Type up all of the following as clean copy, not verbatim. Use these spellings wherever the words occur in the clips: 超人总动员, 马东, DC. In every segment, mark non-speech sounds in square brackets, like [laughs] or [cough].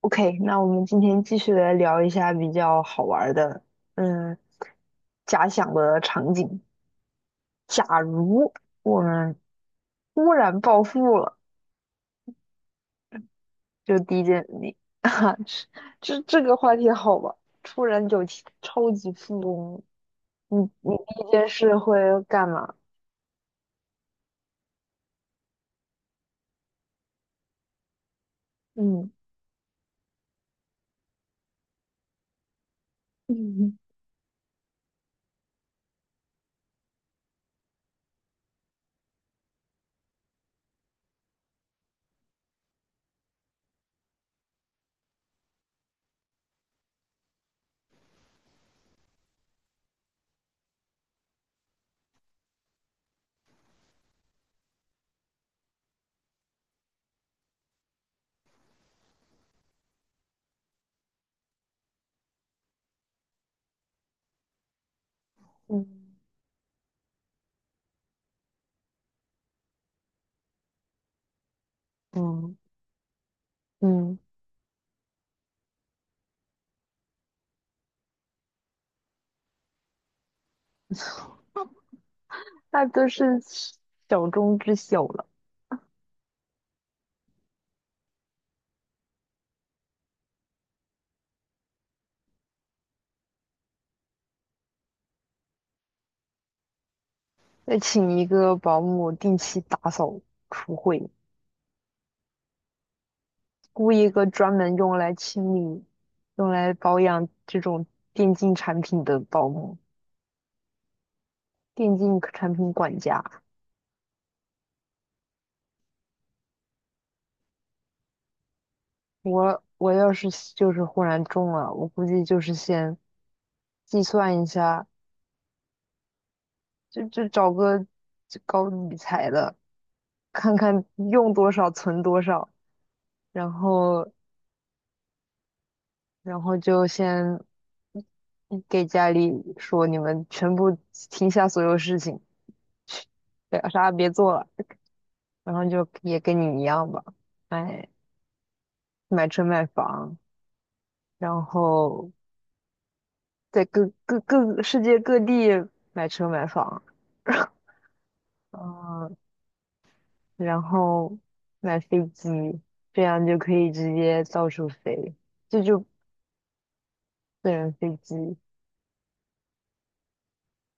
OK，那我们今天继续来聊一下比较好玩儿的，嗯，假想的场景。假如我们突然暴富了，就第一件，你 [laughs] 啊，这个话题好吧？突然有钱超级富翁，你你第一件事会干嘛？嗯嗯嗯嗯嗯，[laughs] 那都是小中之小了。再请一个保姆定期打扫厨会，雇一个专门用来清理、用来保养这种电竞产品的保姆、电竞产品管家。我要是就是忽然中了，我估计就是先计算一下，就找个高搞理财的，看看用多少存多少，然后然后就先给家里说你们全部停下所有事情，去，对啥也别做了。然后就也跟你一样吧，买买车买房，然后在各各各世界各地买车买房，嗯，然后买飞机，这样就可以直接到处飞，这就私人飞机，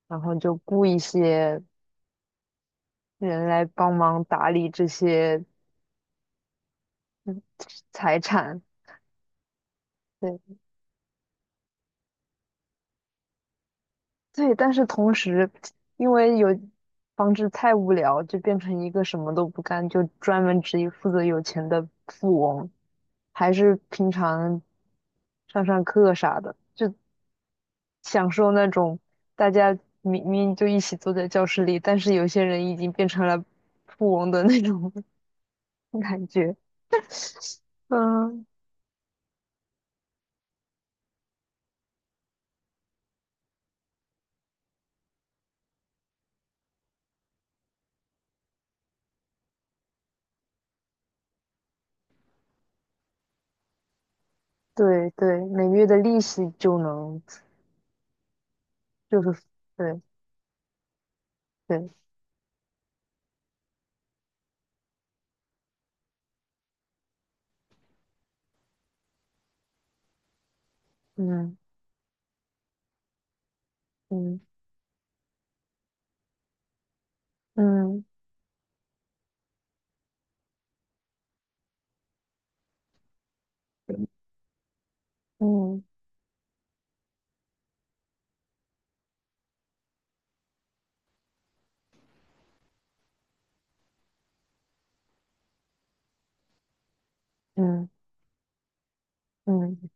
然后就雇一些人来帮忙打理这些嗯财产，对，对，但是同时，因为有防止太无聊，就变成一个什么都不干，就专门只负责有钱的富翁，还是平常上课啥的，就享受那种大家明明就一起坐在教室里，但是有些人已经变成了富翁的那种 [laughs] 感觉。嗯，对对，每月的利息就能，就是对对，嗯嗯嗯嗯嗯。嗯，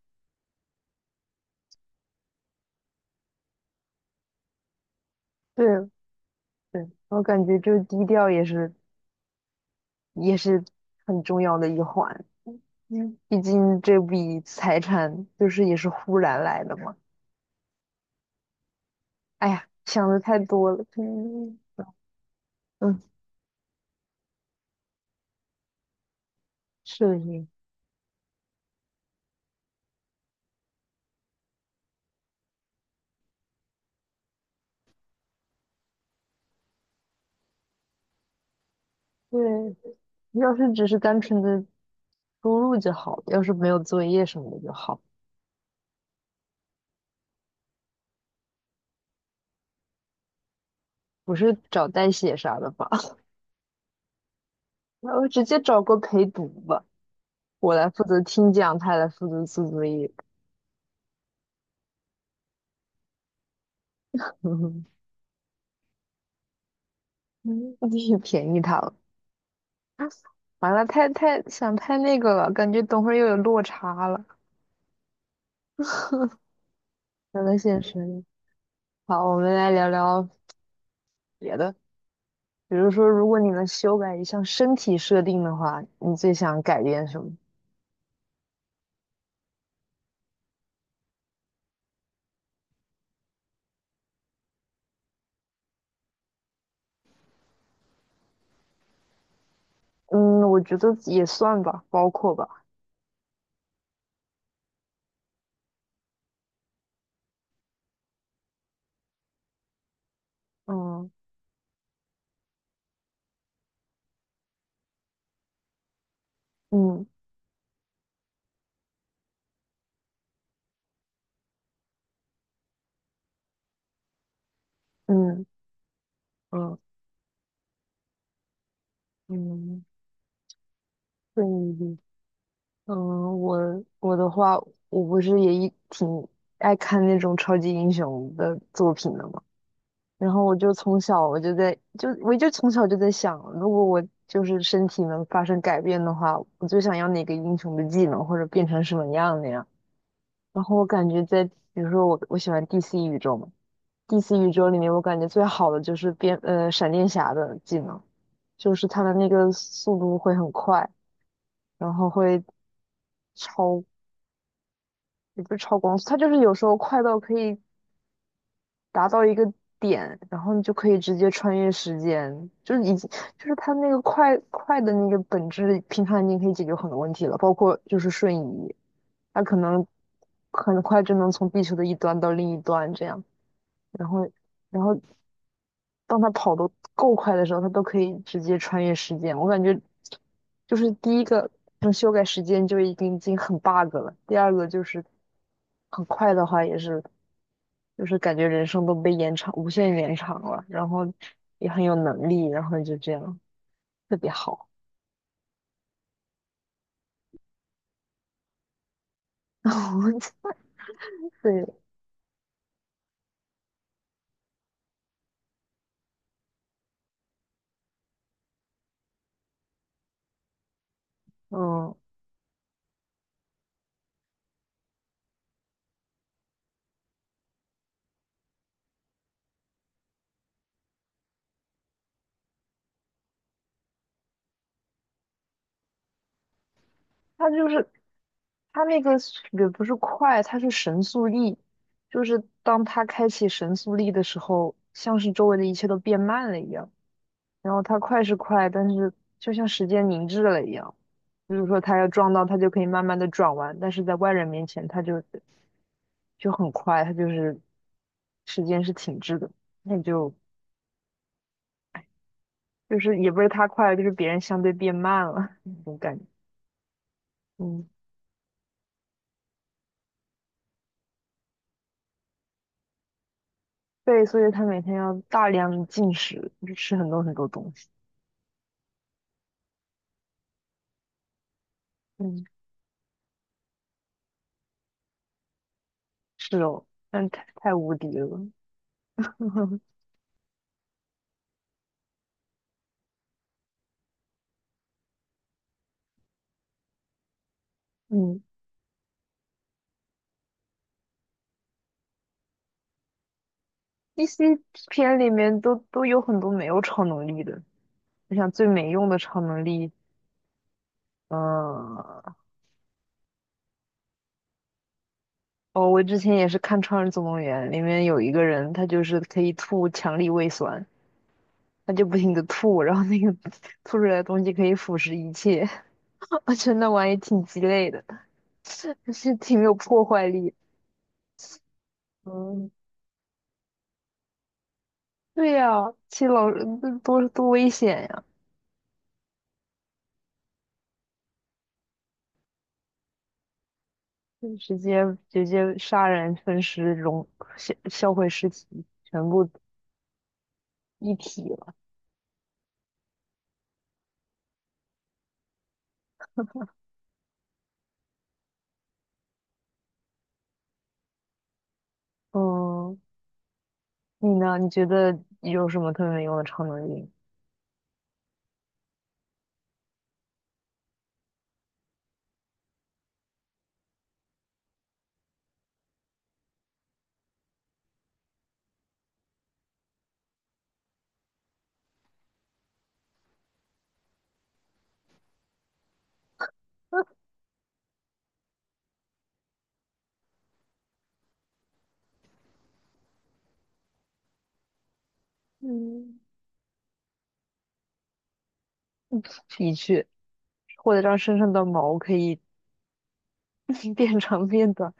对对，我感觉这低调也是很重要的一环，嗯，毕竟这笔财产就是也是忽然来的嘛。哎呀，想的太多了，嗯，是的，是的对，要是只是单纯的输入就好，要是没有作业什么的就好，不是找代写啥的吧？[laughs] 那我直接找个陪读吧，我来负责听讲，他来负责做作业，[laughs] 嗯，你便宜他了。啊，完了，太想太那个了，感觉等会儿又有落差了，聊到现实里好，我们来聊聊别的，比如说，如果你能修改一项身体设定的话，你最想改变什么？嗯，我觉得也算吧，包括吧。嗯嗯嗯嗯嗯，对，嗯，我的话，我不是也一挺爱看那种超级英雄的作品的吗？然后我就从小就在想，如果我就是身体能发生改变的话，我最想要哪个英雄的技能，或者变成什么样的呀？然后我感觉在比如说我喜欢 DC 宇宙嘛，DC 宇宙里面我感觉最好的就是变闪电侠的技能，就是他的那个速度会很快，然后会超也不是超光速，他就是有时候快到可以达到一个点，然后你就可以直接穿越时间，就是已经就是它那个快的那个本质，平常已经可以解决很多问题了，包括就是瞬移，它可能很快就能从地球的一端到另一端这样，然后然后当它跑得够快的时候，它都可以直接穿越时间。我感觉就是第一个，能修改时间就已经很 bug 了，第二个就是很快的话也是。就是感觉人生都被延长，无限延长了，然后也很有能力，然后就这样特别好。[laughs] 然后对，嗯，他就是他那个也不是快，他是神速力，就是当他开启神速力的时候，像是周围的一切都变慢了一样。然后他快是快，但是就像时间凝滞了一样，就是说他要撞到，他就可以慢慢的转弯，但是在外人面前，他就很快，他就是时间是停滞的，那就就是也不是它快了，就是别人相对变慢了 [laughs] 那种感觉，嗯，对，所以他每天要大量进食，就吃很多很多东西，嗯，是哦，但太无敌了，[laughs] 嗯。一些片里面都有很多没有超能力的，我想最没用的超能力，嗯，哦，我之前也是看《超人总动员》，里面有一个人，他就是可以吐强力胃酸，他就不停的吐，然后那个 [laughs] 吐出来的东西可以腐蚀一切。[laughs] 我觉得那玩意儿挺鸡肋的，[laughs] 就是挺有破坏力。嗯，对呀、其实老多危险呀、就直接杀人分尸、融销毁尸体，全部一体了。嗯。你呢？你觉得有什么特别没用的超能力？[laughs] 嗯，的确，或者让身上的毛可以 [laughs] 变长变短，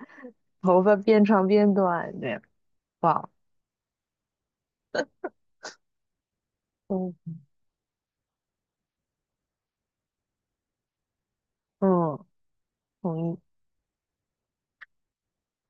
头发变长变短，这样哇嗯嗯，同意。